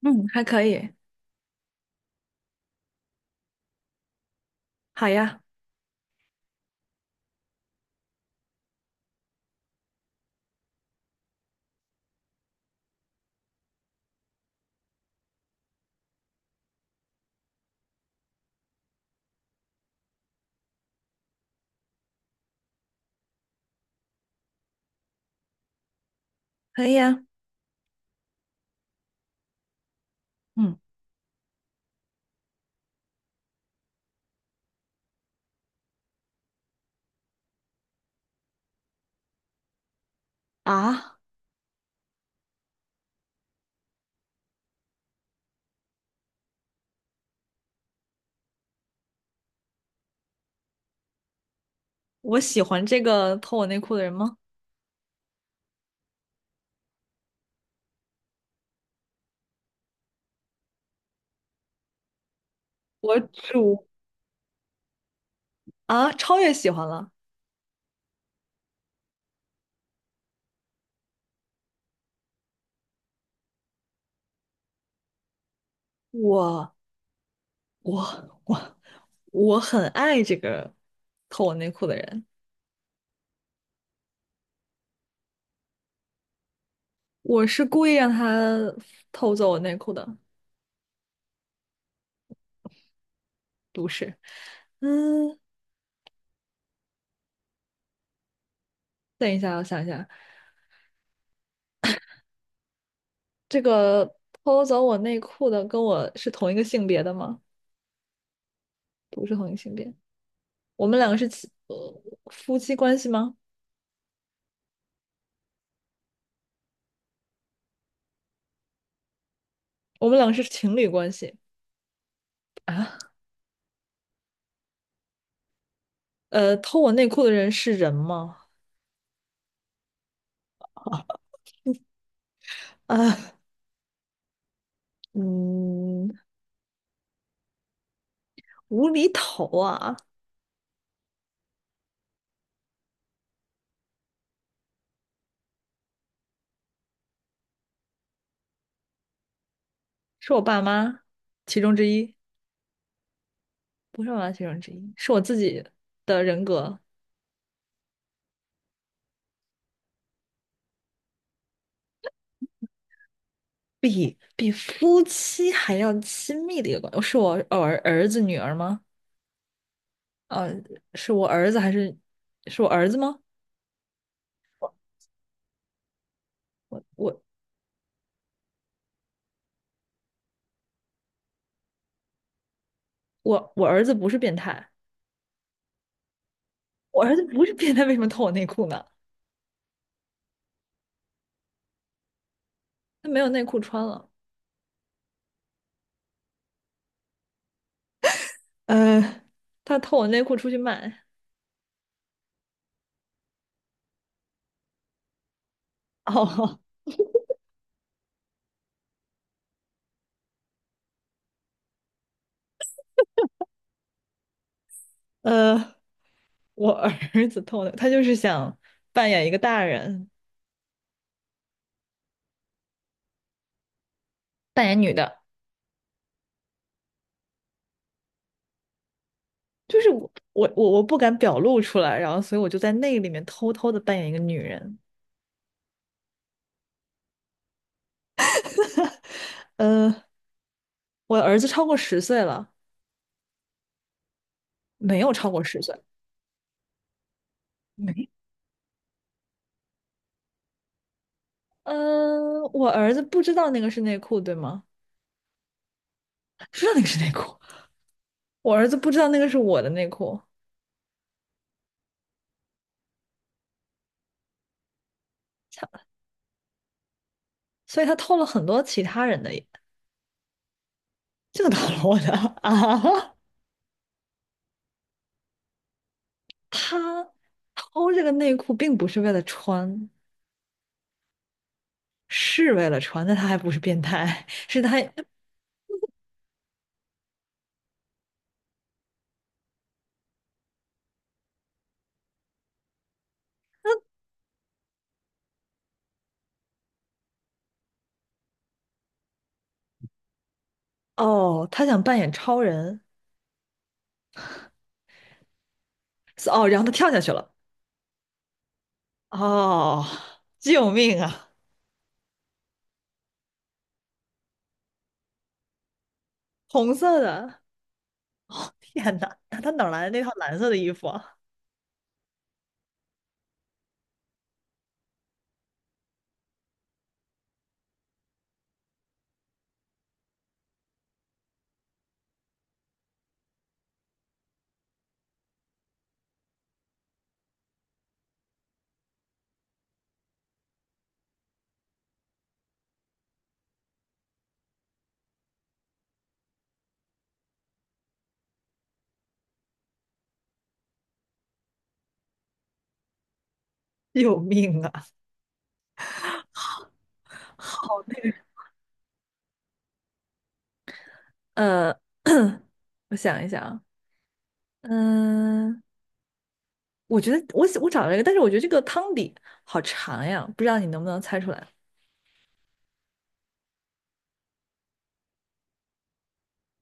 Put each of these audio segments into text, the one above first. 嗯，还可以，好呀，可以呀。嗯啊，我喜欢这个偷我内裤的人吗？我主，啊，超越喜欢了。我我我我很爱这个偷我内裤的人，我是故意让他偷走我内裤的，不是。嗯，等一下，我想一下，这个偷走我内裤的跟我是同一个性别的吗？不是同一个性别，我们两个是亲呃，夫妻关系吗？我们两个是情侣关系。啊，偷我内裤的人是人吗？啊，嗯，无厘头啊，是我爸妈其中之一，不是我爸妈其中之一，是我自己的人格，比夫妻还要亲密的一个关系，哦是我儿儿子女儿吗？呃，是我儿子还是是我儿子吗？我我我儿子不是变态，我儿子不是变态，为什么偷我内裤呢？他没有内裤穿了，呃，他偷我内裤出去卖。哦，呃，我儿子偷的，他就是想扮演一个大人，扮演女的。就是我不敢表露出来，然后所以我就在那个里面偷偷的扮演一个女人。呃，我儿子超过十岁了，没有超过十岁。没嗯、我儿子不知道那个是内裤，对吗？知道那个是内裤，我儿子不知道那个是我的内裤，他所以他偷了很多其他人的，这个偷了我的 啊。他偷这个内裤并不是为了穿，是为了穿，的，他还不是变态，他想扮演超人，哦，然后他跳下去了，哦，救命啊！红色的，天哪，那他哪来的那套蓝色的衣服啊？救命啊！呃，我想一想啊，嗯，我觉得我找了一个，但是我觉得这个汤底好长呀，不知道你能不能猜出来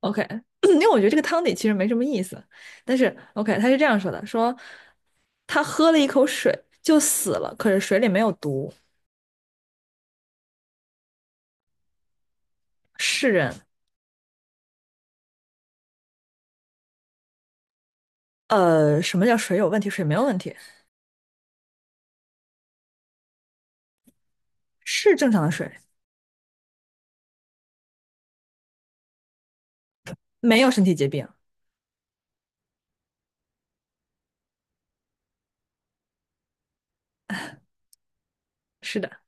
？OK,因为我觉得这个汤底其实没什么意思，但是 OK,他是这样说的，说。他喝了一口水就死了，可是水里没有毒，是人。什么叫水有问题？水没有问题，是正常的水，没有身体疾病。是的，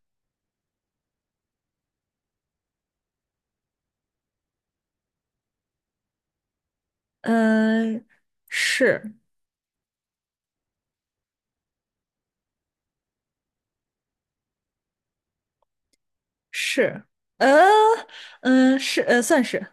嗯，呃是是，呃，是算是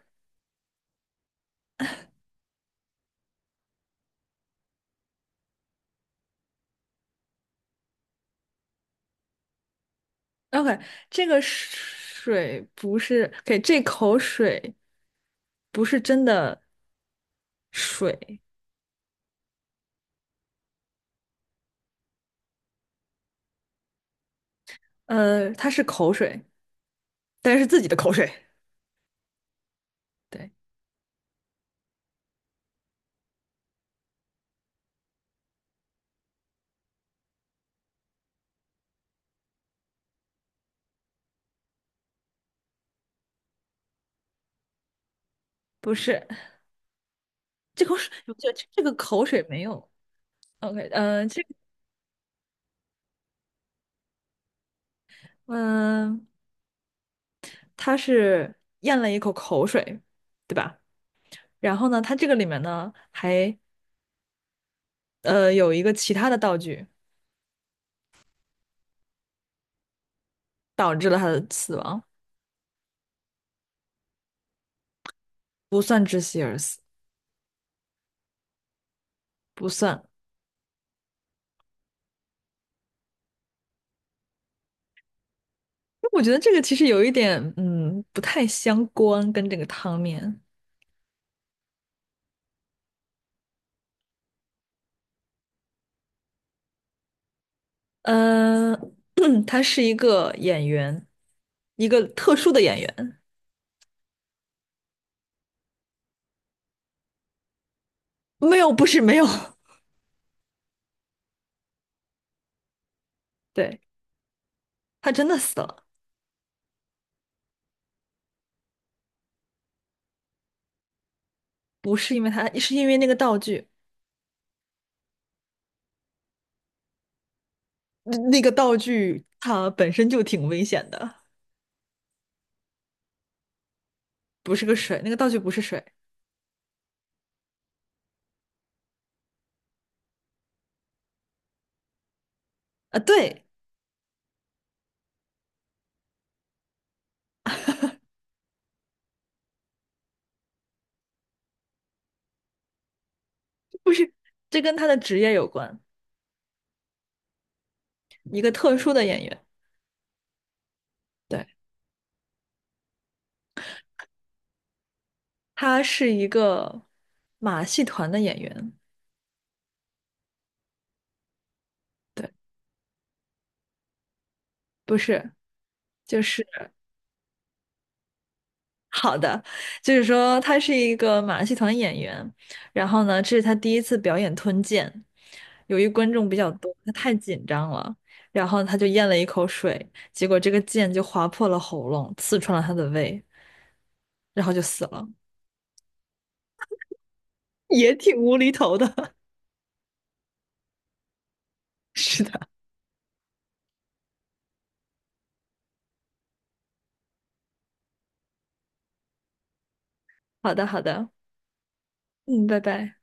OK。这个水不是给这口水，不是真的水，它是口水，但是自己的口水，对，不是这口水，我觉得这个口水没有。OK,嗯，他是咽了一口口水，对吧？然后呢，他这个里面呢还有一个其他的道具导致了他的死亡，不算窒息而死，不算。我觉得这个其实有一点不太相关，跟这个汤面。嗯，他是一个演员，一个特殊的演员，没有，不是没有，对，他真的死了，不是因为他，是因为那个道具。那个道具它本身就挺危险的，不是个水，那个道具不是水啊，对，不是，这跟他的职业有关，一个特殊的演员，对，他是一个马戏团的演员，对，不是，就是好的，就是说他是一个马戏团演员，然后呢，这是他第一次表演吞剑，由于观众比较多，他太紧张了，然后他就咽了一口水，结果这个剑就划破了喉咙，刺穿了他的胃，然后就死了，也挺无厘头的。是的，好的，好的，嗯，拜拜。